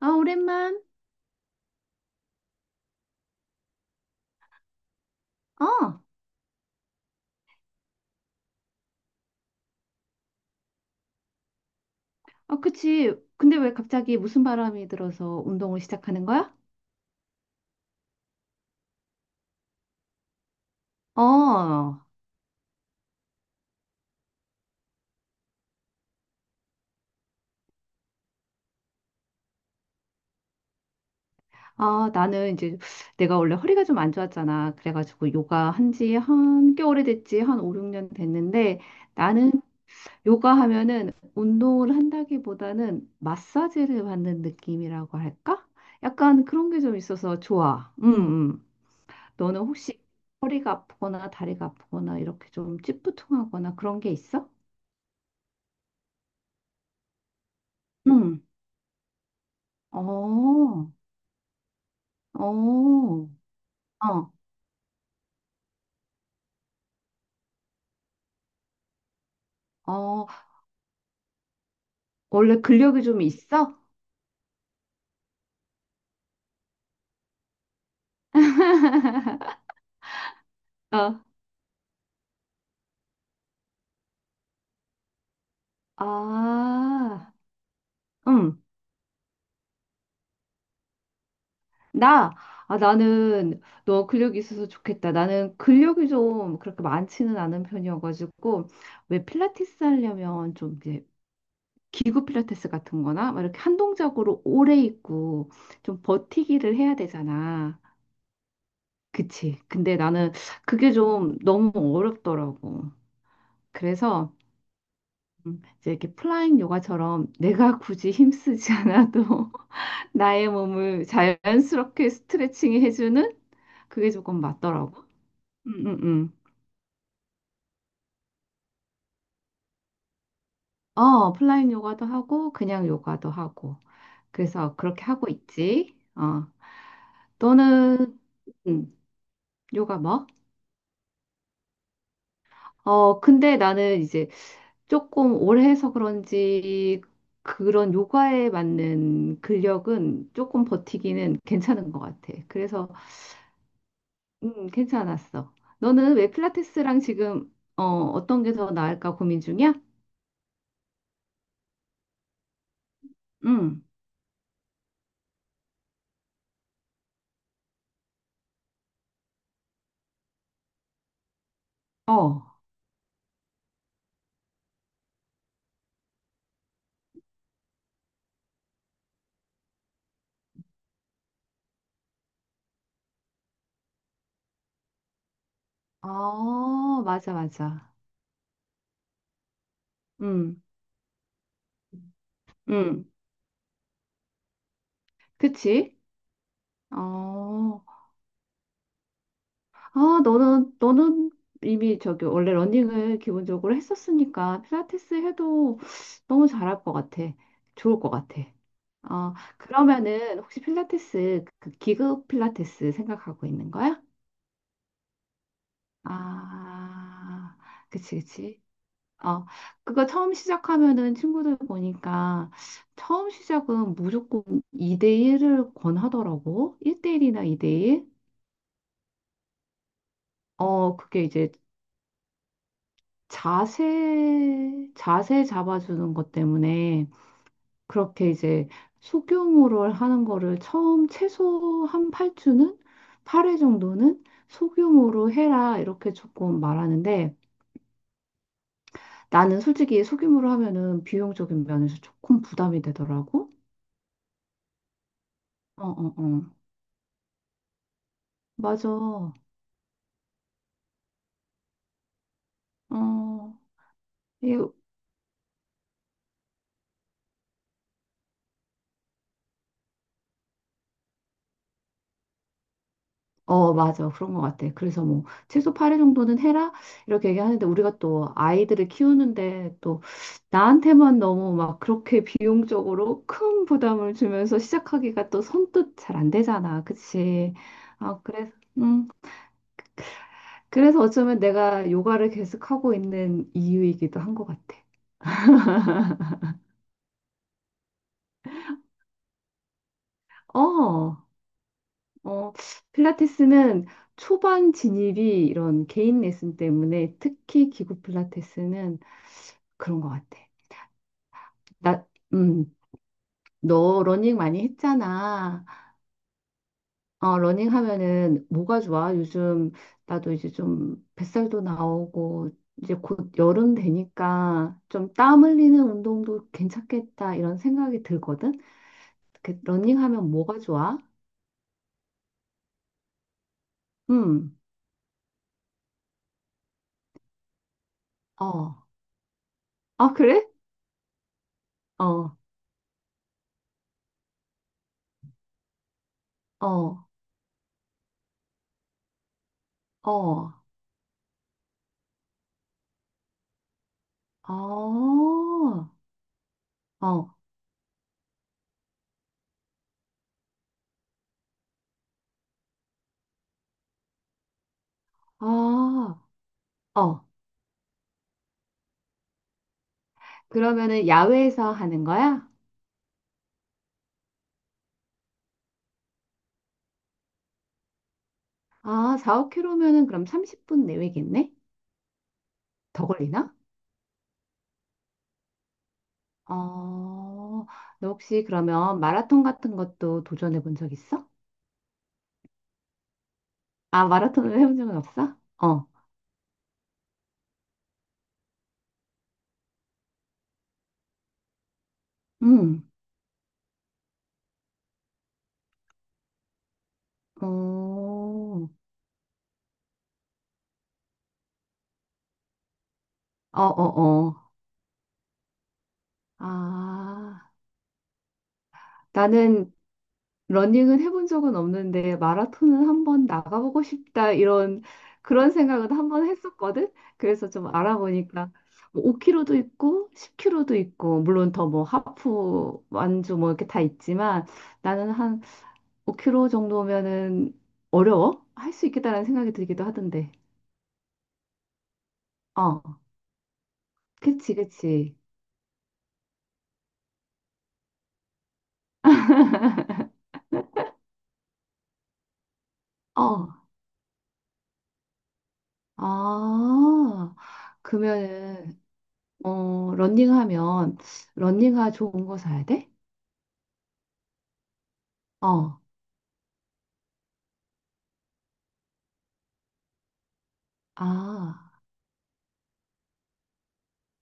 아, 오랜만. 어, 어, 그치. 근데 왜 갑자기 무슨 바람이 들어서 운동을 시작하는 거야? 어, 아, 나는 이제 내가 원래 허리가 좀 안 좋았잖아. 그래가지고 요가 한지 한 꽤 오래됐지. 한 5, 6년 됐는데 나는 요가 하면은 운동을 한다기보다는 마사지를 받는 느낌이라고 할까? 약간 그런 게 좀 있어서 좋아. 너는 혹시 허리가 아프거나 다리가 아프거나 이렇게 좀 찌뿌둥하거나 그런 게 있어? 응. 어, 어, 어, 어. 원래 근력이 좀 있어? 어, 아, 응. 나, 나는 너 근력이 있어서 좋겠다. 나는 근력이 좀 그렇게 많지는 않은 편이어가지고, 왜 필라테스 하려면 좀 이제 기구 필라테스 같은 거나 막 이렇게 한 동작으로 오래 있고 좀 버티기를 해야 되잖아. 그치. 근데 나는 그게 좀 너무 어렵더라고. 그래서 이제 이렇게 플라잉 요가처럼 내가 굳이 힘쓰지 않아도 나의 몸을 자연스럽게 스트레칭 해주는 그게 조금 맞더라고. 음, 음, 음. 어, 플라잉 요가도 하고 그냥 요가도 하고. 그래서 그렇게 하고 있지. 어, 너는. 음, 요가 뭐? 어, 근데 나는 이제 조금 오래 해서 그런지 그런 요가에 맞는 근력은 조금 버티기는 괜찮은 것 같아. 그래서 괜찮았어. 너는 왜 필라테스랑 지금 어떤 게 더 나을까 고민 중이야? 응. 어. 아, 맞아, 맞아. 음. 음. 그치? 어. 아, 너는 이미 저기 원래 러닝을 기본적으로 했었으니까 필라테스 해도 너무 잘할 것 같아. 좋을 것 같아. 어, 그러면은 혹시 필라테스 그 기구 필라테스 생각하고 있는 거야? 아, 그치, 그치. 어, 그거 처음 시작하면은 친구들 보니까 처음 시작은 무조건 2대1을 권하더라고. 1대1이나 2대1. 어, 그게 이제 자세 잡아주는 것 때문에 그렇게 이제 소규모를 하는 거를 처음 최소 한 8주는? 팔 회 정도는 소규모로 해라. 이렇게 조금 말하는데 나는 솔직히 소규모로 하면은 비용적인 면에서 조금 부담이 되더라고. 어, 어, 어. 맞아. 어, 이, 맞아. 그런 것 같아. 그래서 뭐, 최소 8회 정도는 해라? 이렇게 얘기하는데, 우리가 또 아이들을 키우는데, 또 나한테만 너무 막 그렇게 비용적으로 큰 부담을 주면서 시작하기가 또 선뜻 잘 안 되잖아. 그치? 아, 음, 그래서 어쩌면 내가 요가를 계속하고 있는 이유이기도 한 것 같아. 어, 어, 필라테스는 초반 진입이 이런 개인 레슨 때문에 특히 기구 필라테스는 그런 것 같아. 나, 음, 너 러닝 많이 했잖아. 어, 러닝 하면은 뭐가 좋아? 요즘 나도 이제 좀 뱃살도 나오고 이제 곧 여름 되니까 좀 땀 흘리는 운동도 괜찮겠다 이런 생각이 들거든. 그 러닝 하면 뭐가 좋아? 음, 어, 아 그래? 어, 어, 어. 어, 어, 아, 어. 그러면은 야외에서 하는 거야? 아, 4, 억 k 로면은 그럼 30분 내외겠네? 더 걸리나? 어, 너 혹시 그러면 마라톤 같은 것도 도전해 본 적 있어? 아, 마라톤을 해본 적은 없어? 어, 음, 어, 어, 어, 어. 아, 나는 러닝은 해본 적은 없는데 마라톤은 한번 나가보고 싶다 이런 그런 생각은 한번 했었거든. 그래서 좀 알아보니까 5km도 있고 10km도 있고 물론 더 뭐 하프 완주 뭐 이렇게 다 있지만 나는 한 5km 정도면은 어려워? 할 수 있겠다라는 생각이 들기도 하던데. 어, 그치, 그치. 어, 아, 그러면은 러닝하면 러닝화 좋은 거 사야 돼? 어, 아.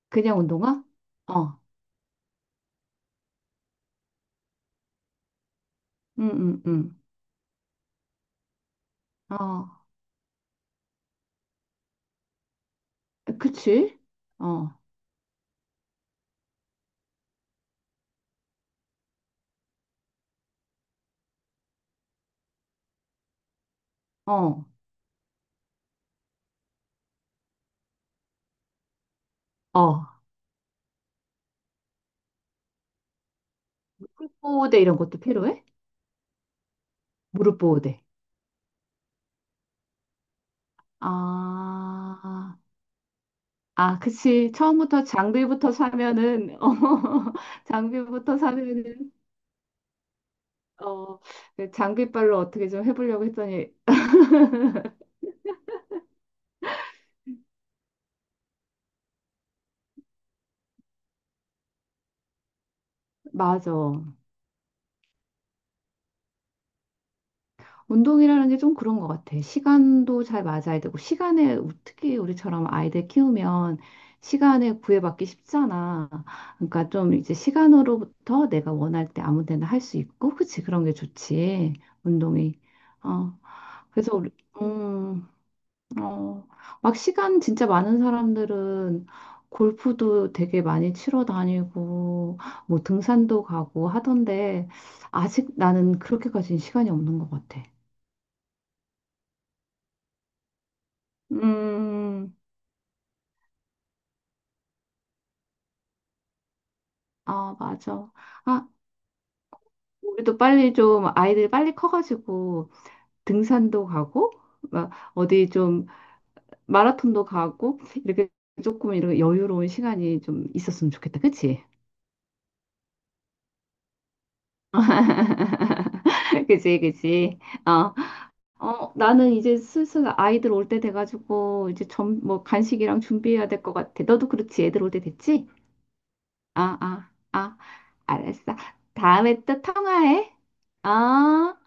그냥 운동화? 어, 응, 응, 응. 어, 그치? 어, 어, 어. 무릎 보호대 이런 것도 필요해? 무릎 보호대. 아, 아, 그치. 처음부터 장비부터 사면은, 어, 장비부터 사면은, 어, 장비빨로 어떻게 좀 해보려고 했더니, 맞아. 운동이라는 게 좀 그런 것 같아. 시간도 잘 맞아야 되고, 시간에, 특히 우리처럼 아이들 키우면 시간에 구애받기 쉽잖아. 그러니까 좀 이제 시간으로부터 내가 원할 때 아무 데나 할 수 있고, 그치? 그런 게 좋지. 운동이. 어, 그래서 우리, 음, 어, 막 시간 진짜 많은 사람들은 골프도 되게 많이 치러 다니고, 뭐 등산도 가고 하던데, 아직 나는 그렇게까지는 시간이 없는 것 같아. 음, 아, 맞아. 아, 우리도 빨리 좀 아이들이 빨리 커가지고 등산도 가고, 막 어디 좀 마라톤도 가고, 이렇게 조금 이런 여유로운 시간이 좀 있었으면 좋겠다. 그치? 그치, 그치. 어, 어, 나는 이제 슬슬 아이들 올 때 돼가지고 이제 뭐 간식이랑 준비해야 될 것 같아. 너도 그렇지? 애들 올 때 됐지? 아, 아, 아, 알았어. 다음에 또 통화해. 어?